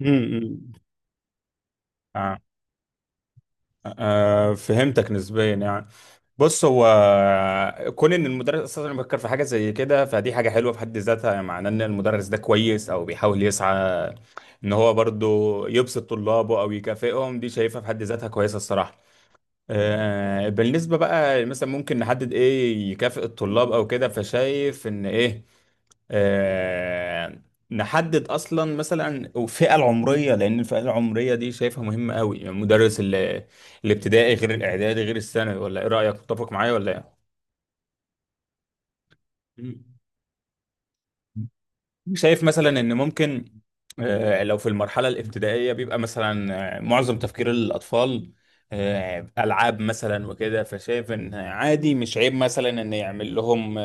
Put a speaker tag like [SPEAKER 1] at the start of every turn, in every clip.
[SPEAKER 1] امم آه. آه. فهمتك نسبيا يعني. بص هو كون ان المدرس اساسا بيفكر في حاجه زي كده، فدي حاجه حلوه في حد ذاتها، يعني معناه ان المدرس ده كويس او بيحاول يسعى ان هو برضو يبسط طلابه او يكافئهم. دي شايفها في حد ذاتها كويسه الصراحه. آه. بالنسبه بقى مثلا ممكن نحدد ايه يكافئ الطلاب او كده، فشايف ان ايه آه، نحدد اصلا مثلا الفئه العمريه، لان الفئه العمريه دي شايفها مهمه قوي، يعني مدرس الابتدائي غير الاعدادي غير الثانوي، ولا ايه رايك؟ تتفق معايا ولا ايه؟ مم. شايف مثلا ان ممكن لو في المرحله الابتدائيه بيبقى مثلا معظم تفكير الاطفال العاب مثلا وكده، فشايف ان عادي مش عيب مثلا ان يعمل لهم،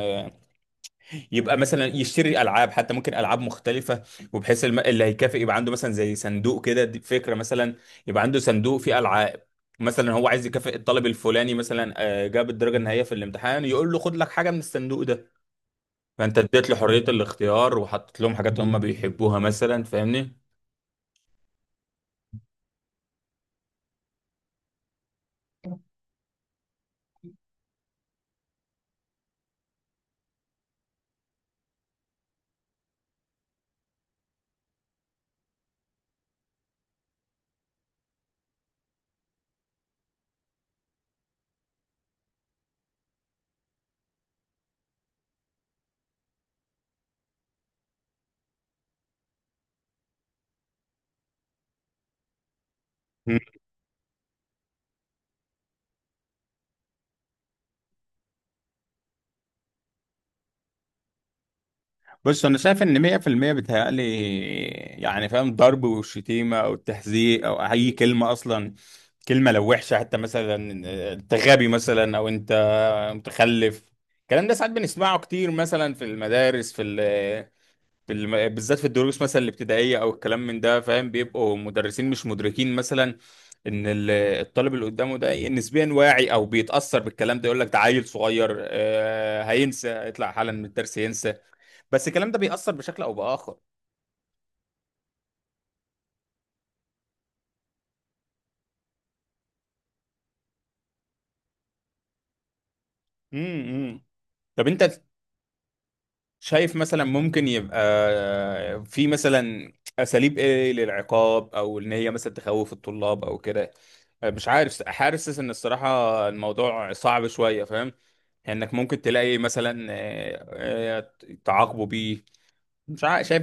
[SPEAKER 1] يبقى مثلا يشتري العاب، حتى ممكن العاب مختلفه، وبحيث اللي هيكافئ يبقى عنده مثلا زي صندوق كده، دي فكره مثلا، يبقى عنده صندوق فيه العاب. مثلا هو عايز يكافئ الطالب الفلاني، مثلا جاب الدرجه النهائيه في الامتحان، يقول له خد لك حاجه من الصندوق ده. فانت اديت له حريه الاختيار، وحطيت لهم حاجات هم بيحبوها مثلا، فاهمني. مم. بص انا شايف ان 100% بيتهيألي، يعني فاهم، ضرب والشتيمه او التحذير او اي كلمه اصلا، كلمه لو وحشه حتى، مثلا انت غبي مثلا، او انت متخلف. الكلام ده ساعات بنسمعه كتير مثلا في المدارس، في ال في الم... بالذات في الدروس مثلا الابتدائيه او الكلام من ده، فاهم؟ بيبقوا مدرسين مش مدركين مثلا ان الطالب اللي قدامه ده نسبيا واعي او بيتاثر بالكلام ده. يقول لك ده عيل صغير، هينسى، هيطلع حالا من الدرس ينسى، بس الكلام ده بيأثر بشكل او باخر. امم. طب انت شايف مثلا ممكن يبقى في مثلا اساليب ايه للعقاب، او ان هي مثلا تخوف الطلاب او كده؟ مش عارف، حاسس ان الصراحه الموضوع صعب شويه، فاهم انك ممكن تلاقي مثلا آه، تعاقبوا بيه؟ مش عارف، شايف؟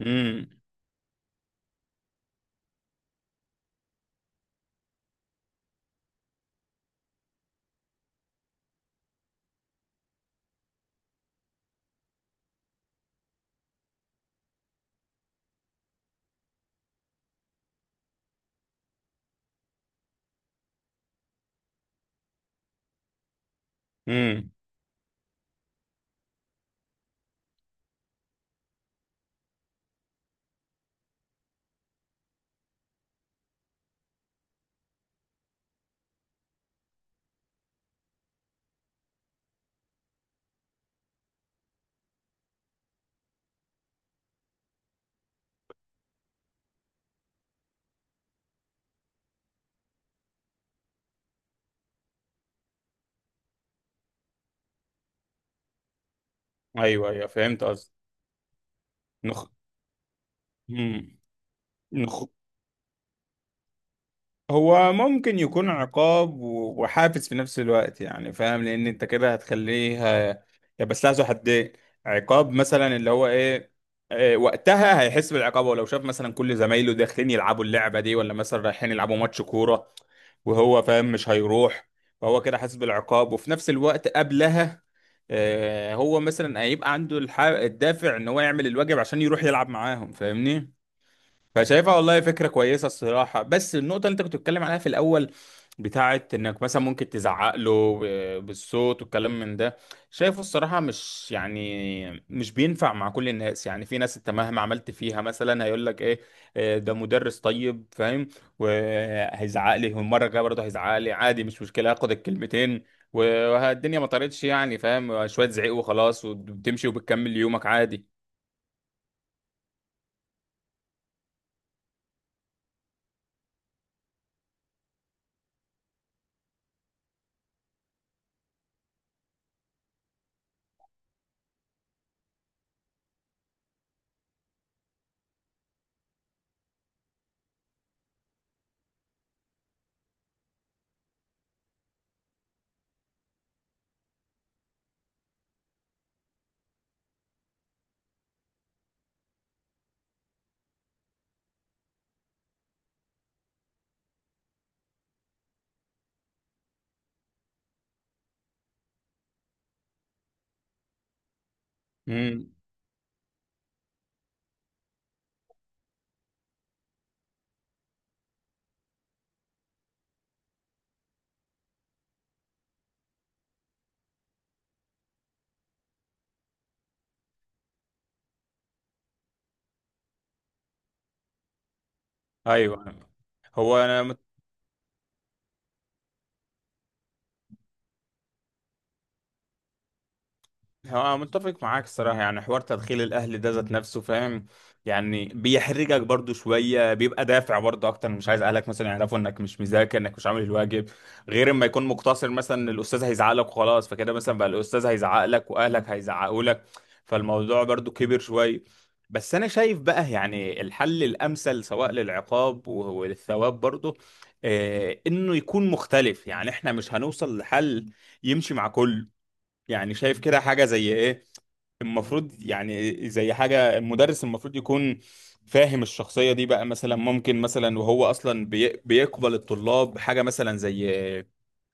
[SPEAKER 1] امم. امم. ايوه ايوه، فهمت قصدي. نخ... مم. نخ... هو ممكن يكون عقاب وحافز في نفس الوقت، يعني فاهم، لان انت كده هتخليه ه- يا، بس لها حدين. عقاب مثلا اللي هو ايه؟ إيه، وقتها هيحس بالعقاب، ولو شاف مثلا كل زمايله داخلين يلعبوا اللعبة دي، ولا مثلا رايحين يلعبوا ماتش كورة وهو فاهم مش هيروح. فهو كده حاسس بالعقاب، وفي نفس الوقت قبلها هو مثلا هيبقى عنده الدافع ان هو يعمل الواجب عشان يروح يلعب معاهم، فاهمني. فشايفها والله فكرة كويسة الصراحة. بس النقطة اللي انت كنت بتتكلم عليها في الأول، بتاعت انك مثلا ممكن تزعق له بالصوت والكلام من ده، شايفه الصراحة مش، يعني مش بينفع مع كل الناس. يعني في ناس انت مهما عملت فيها مثلا هيقول لك ايه ده مدرس طيب، فاهم؟ وهيزعق لي، والمرة الجاية برضه هيزعق لي عادي، مش مشكلة، هاخد الكلمتين والدنيا ما طارتش، يعني فاهم، شوية زعيق وخلاص، وبتمشي وبتكمل يومك عادي. امم. ايوه. هو انا هو متفق معاك الصراحة. يعني حوار تدخيل الأهل ده ذات نفسه، فاهم؟ يعني بيحرجك برضو شوية، بيبقى دافع برضو أكتر، مش عايز أهلك مثلا يعرفوا إنك مش مذاكر، إنك مش عامل الواجب. غير إما يكون مقتصر مثلا إن الأستاذ هيزعق لك وخلاص، فكده مثلا بقى الأستاذ هيزعق لك وأهلك هيزعقوا لك، فالموضوع برضو كبر شوية. بس أنا شايف بقى يعني الحل الأمثل، سواء للعقاب وللثواب برضو، إنه يكون مختلف. يعني إحنا مش هنوصل لحل يمشي مع كله. يعني شايف كده حاجة زي ايه المفروض. يعني زي حاجة، المدرس المفروض يكون فاهم الشخصية. دي بقى مثلا ممكن مثلا، وهو اصلا بيقبل الطلاب حاجة مثلا زي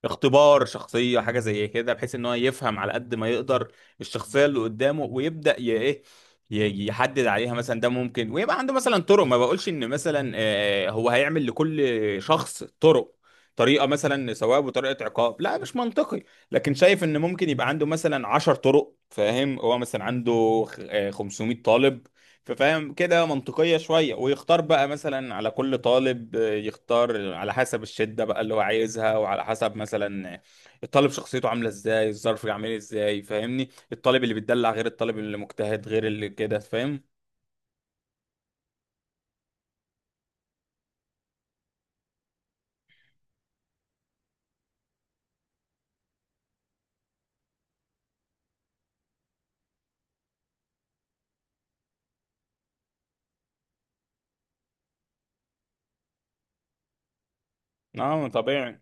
[SPEAKER 1] اختبار شخصية، حاجة زي كده، بحيث ان هو يفهم على قد ما يقدر الشخصية اللي قدامه، ويبدأ يحدد عليها مثلا ده ممكن، ويبقى عنده مثلا طرق. ما بقولش ان مثلا هو هيعمل لكل شخص طرق، طريقة مثلا ثواب وطريقة عقاب، لا مش منطقي. لكن شايف ان ممكن يبقى عنده مثلا 10 طرق، فاهم؟ هو مثلا عنده 500 طالب. ففاهم كده منطقية شوية، ويختار بقى مثلا على كل طالب يختار على حسب الشدة بقى اللي هو عايزها، وعلى حسب مثلا الطالب شخصيته عاملة ازاي، الظرف عامل ازاي، فاهمني. الطالب اللي بيتدلع غير الطالب اللي مجتهد غير اللي كده، فاهم؟ اه طبيعي.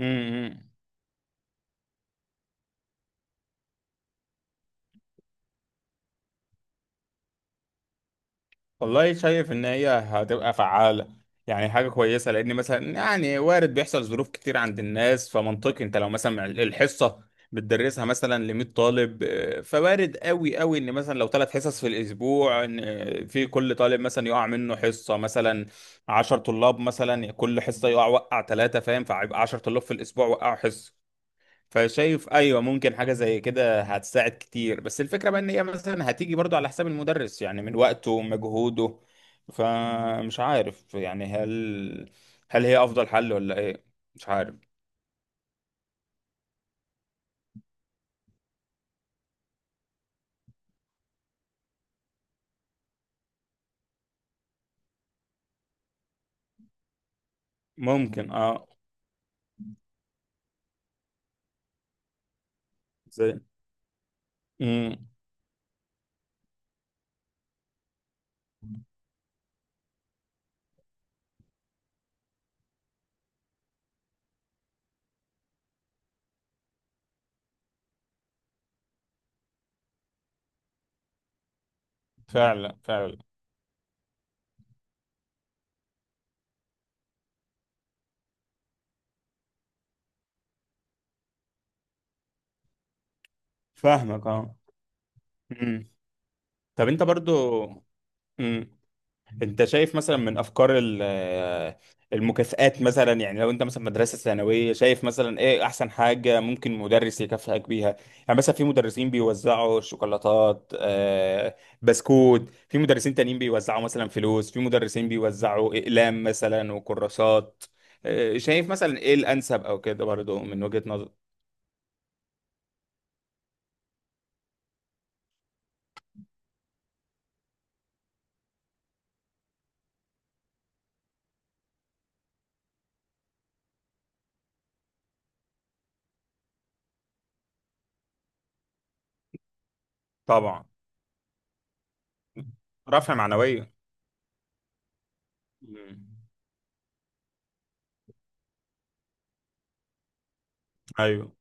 [SPEAKER 1] امم. والله شايف ان هي هتبقى فعالة، يعني حاجة كويسة، لان مثلا، يعني وارد بيحصل ظروف كتير عند الناس. فمنطقي انت لو مثلا الحصة بتدرسها مثلا ل 100 طالب، فوارد قوي قوي ان مثلا لو 3 حصص في الاسبوع، ان في كل طالب مثلا يقع منه حصة. مثلا 10 طلاب مثلا كل حصة، وقع 3، فاهم؟ فهيبقى 10 طلاب في الاسبوع وقعوا حصة. فشايف ايوه، ممكن حاجه زي كده هتساعد كتير. بس الفكره بقى ان هي مثلا هتيجي برضو على حساب المدرس، يعني من وقته ومجهوده. فمش عارف يعني هل هي افضل حل ولا ايه؟ مش عارف. ممكن اه. زي. امم. فعلا فعلا. فاهمك اه. امم. طب انت برضو. امم. انت شايف مثلا من افكار المكافآت مثلا؟ يعني لو انت مثلا مدرسة ثانوية، شايف مثلا ايه احسن حاجة ممكن مدرس يكافئك بيها؟ يعني مثلا في مدرسين بيوزعوا شوكولاتات، بسكوت، في مدرسين تانيين بيوزعوا مثلا فلوس، في مدرسين بيوزعوا اقلام مثلا وكراسات. شايف مثلا ايه الانسب او كده برضه من وجهة نظر؟ طبعا. رفع معنوية. مم. ايوه.